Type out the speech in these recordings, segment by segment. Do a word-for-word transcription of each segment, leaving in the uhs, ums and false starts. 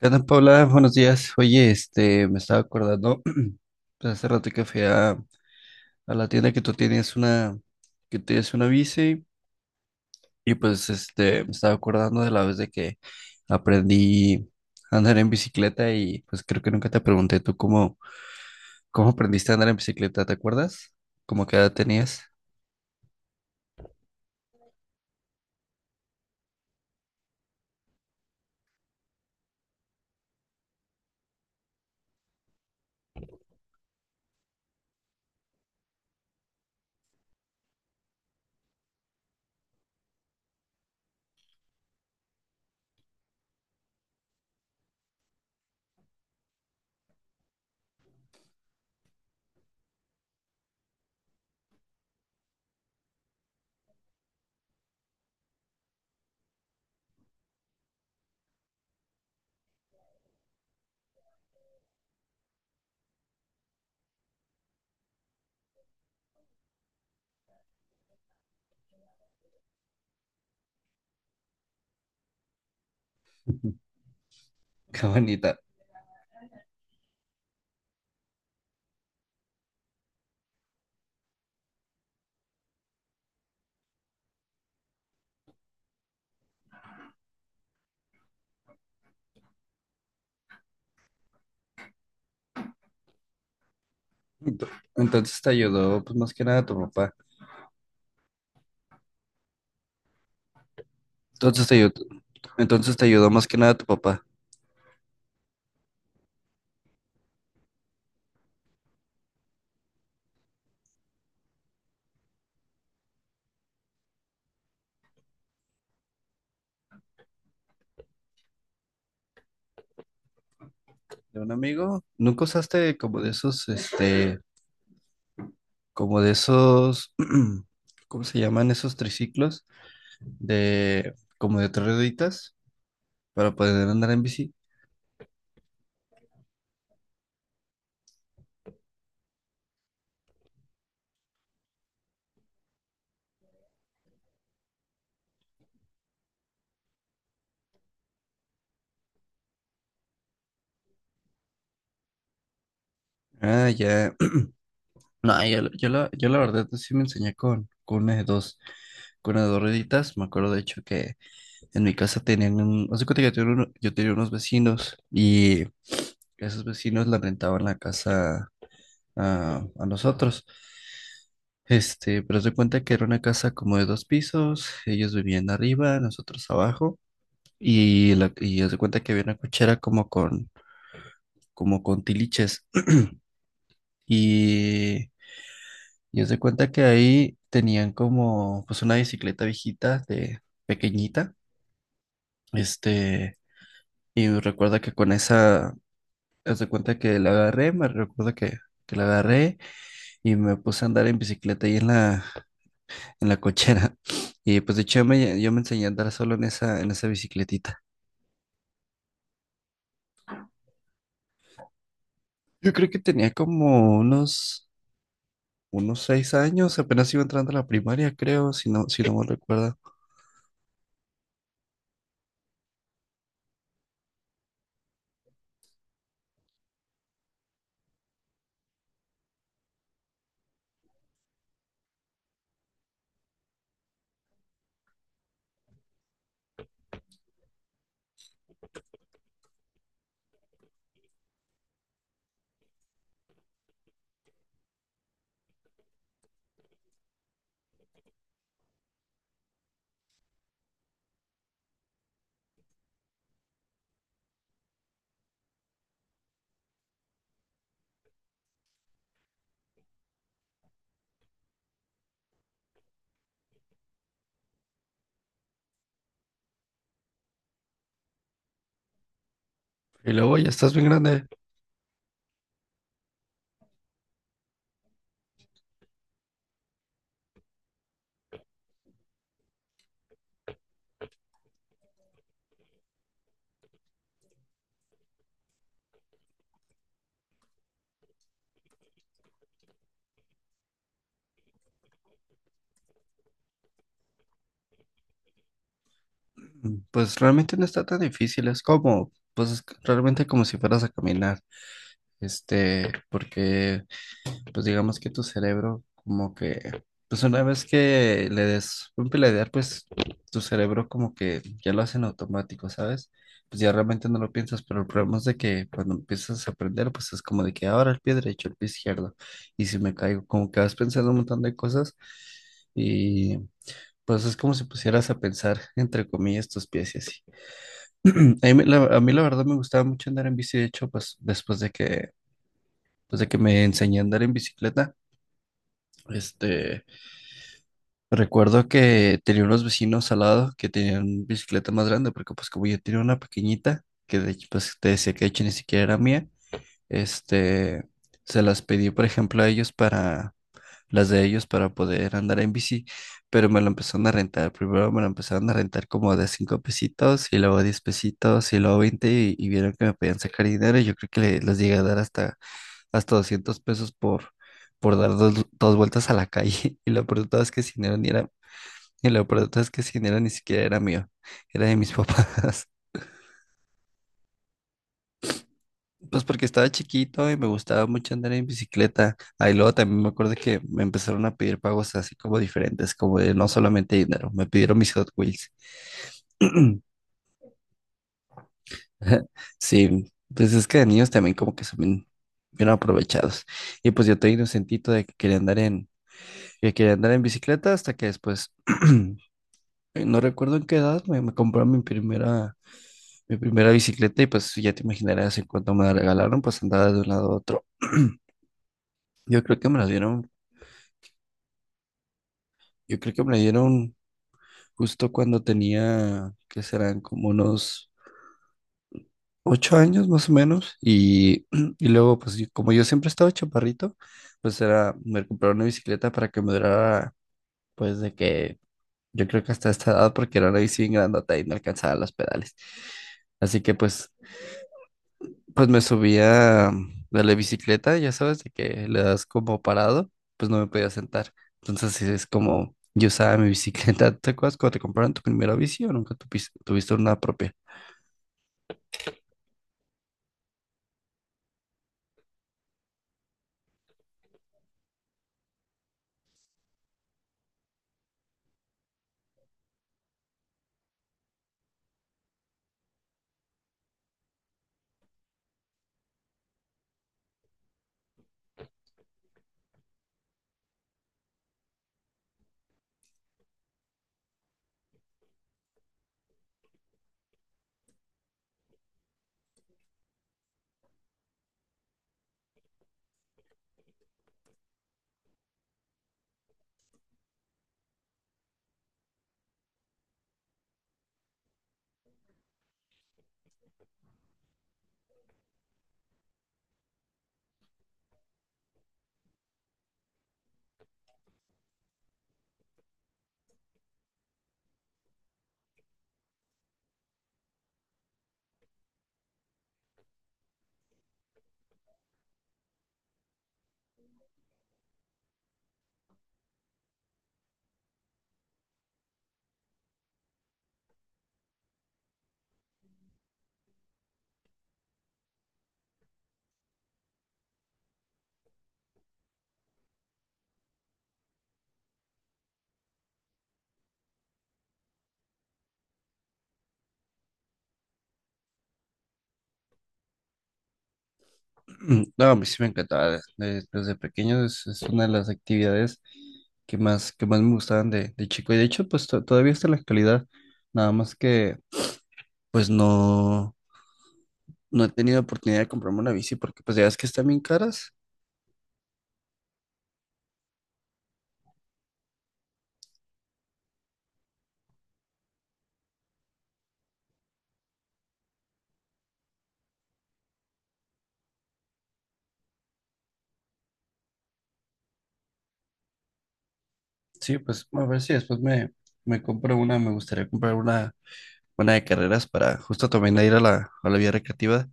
¿Qué tal, Paula? Buenos días. Oye, este, me estaba acordando, pues, hace rato que fui a, a la tienda que tú tienes una, que tienes una bici, y pues, este, me estaba acordando de la vez de que aprendí a andar en bicicleta y, pues, creo que nunca te pregunté tú cómo, cómo aprendiste a andar en bicicleta, ¿te acuerdas? ¿Cómo qué edad tenías? Ujú. Qué bonita. Ento- Entonces te ayudó, pues, más que nada tu papá. Entonces te ayudó, entonces te ayudó más que nada tu papá. De un amigo. ¿Nunca usaste como de esos, este, como de esos, ¿cómo se llaman esos triciclos? De, como de tres rueditas para poder andar en bici. Ah, ya. No, yo, la- yo, la, yo la verdad sí me enseñé con, con una de dos, con una de dos rueditas. Me acuerdo de hecho que en mi casa tenían un, hace cuenta que yo tenía, uno- yo tenía unos vecinos y esos vecinos la rentaban la casa a, a nosotros. Este, pero se cuenta que era una casa como de dos pisos, ellos vivían arriba, nosotros abajo, y, la, y haz de cuenta que había una cochera como con, como con tiliches, y, y haz de cuenta que ahí tenían como, pues una bicicleta viejita, de pequeñita, este, y recuerda que con esa, haz de cuenta que la agarré, me recuerda que, que la agarré, y me puse a andar en bicicleta ahí en la, en la cochera. Y pues de hecho yo me, yo me enseñé a andar solo en esa, en esa bicicletita. Yo creo que tenía como unos, unos seis años, apenas iba entrando a la primaria, creo, si no, si no me recuerdo. Y luego ya estás bien grande. Mm, Pues realmente no está tan difícil, es como, pues es realmente como si fueras a caminar. Este, porque pues digamos que tu cerebro como que, pues una vez que le des un pelear, pues tu cerebro como que ya lo hace en automático, ¿sabes? Pues ya realmente no lo piensas, pero el problema es de que cuando empiezas a aprender, pues es como de que ahora el pie derecho, el pie izquierdo, y si me caigo, como que vas pensando un montón de cosas y pues es como si pusieras a pensar, entre comillas, tus pies y así. A mí, la, a mí la verdad me gustaba mucho andar en bici, de hecho, pues después de que, pues, de que me enseñé a andar en bicicleta. este... Recuerdo que tenía unos vecinos al lado que tenían bicicleta más grande, porque pues como yo tenía una pequeñita, que de hecho pues te decía que de hecho ni siquiera era mía, este, se las pedí por ejemplo a ellos para, las de ellos para poder andar en bici, pero me la empezaron a rentar, primero me la empezaron a rentar como de cinco pesitos y luego diez pesitos y luego veinte y, y vieron que me podían sacar dinero y yo creo que le- les llegué a dar hasta, hasta doscientos pesos por por dar dos, dos vueltas a la calle. Y lo peor de todo es que sin dinero, y lo peor es que ese dinero ni siquiera era mío, era de mis papás. Pues porque estaba chiquito y me gustaba mucho andar en bicicleta. Ahí luego también me acuerdo que me empezaron a pedir pagos así como diferentes, como de no solamente dinero, me pidieron mis Hot Wheels. Sí, pues es que de niños también como que son bien, bien aprovechados. Y pues yo tenía inocentito de que quería andar en, que quería andar en bicicleta hasta que después, no recuerdo en qué edad, me, me compró mi primera mi primera bicicleta y pues ya te imaginarás en cuanto me la regalaron, pues andaba de un lado a otro. Yo creo que me la dieron, yo creo que me la dieron justo cuando tenía, que serán como unos ocho años más o menos. Y, y luego, pues yo- como yo siempre estaba chaparrito, pues era, me compraron una bicicleta para que me durara, pues de que yo creo que hasta esta edad, porque era una bici bien grandota y no alcanzaba los pedales. Así que pues Pues me subía de la bicicleta, ya sabes, de que le das como parado, pues no me podía sentar. Entonces sí, es como yo usaba mi bicicleta. ¿Te acuerdas cuando te compraron tu primera bici o nunca tupis- tuviste una propia? No, a mí sí me encantaba de- de- desde pequeño, es, es una de las actividades que más, que más me gustaban de, de chico. Y de hecho, pues to- todavía está en la actualidad, nada más que pues no, no he tenido oportunidad de comprarme una bici porque pues ya ves que están bien caras. Sí, pues bueno, a ver si después me, me compro una, me gustaría comprar una, una de carreras para justo también ir a la, a la vía recreativa,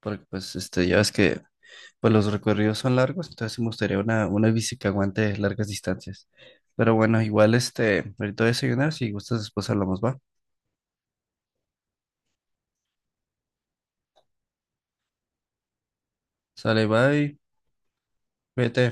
porque pues este, ya ves que pues los recorridos son largos, entonces sí me gustaría una, una bici que aguante largas distancias. Pero bueno, igual este, ahorita voy a desayunar, si gustas después hablamos, va. Sale, bye, vete.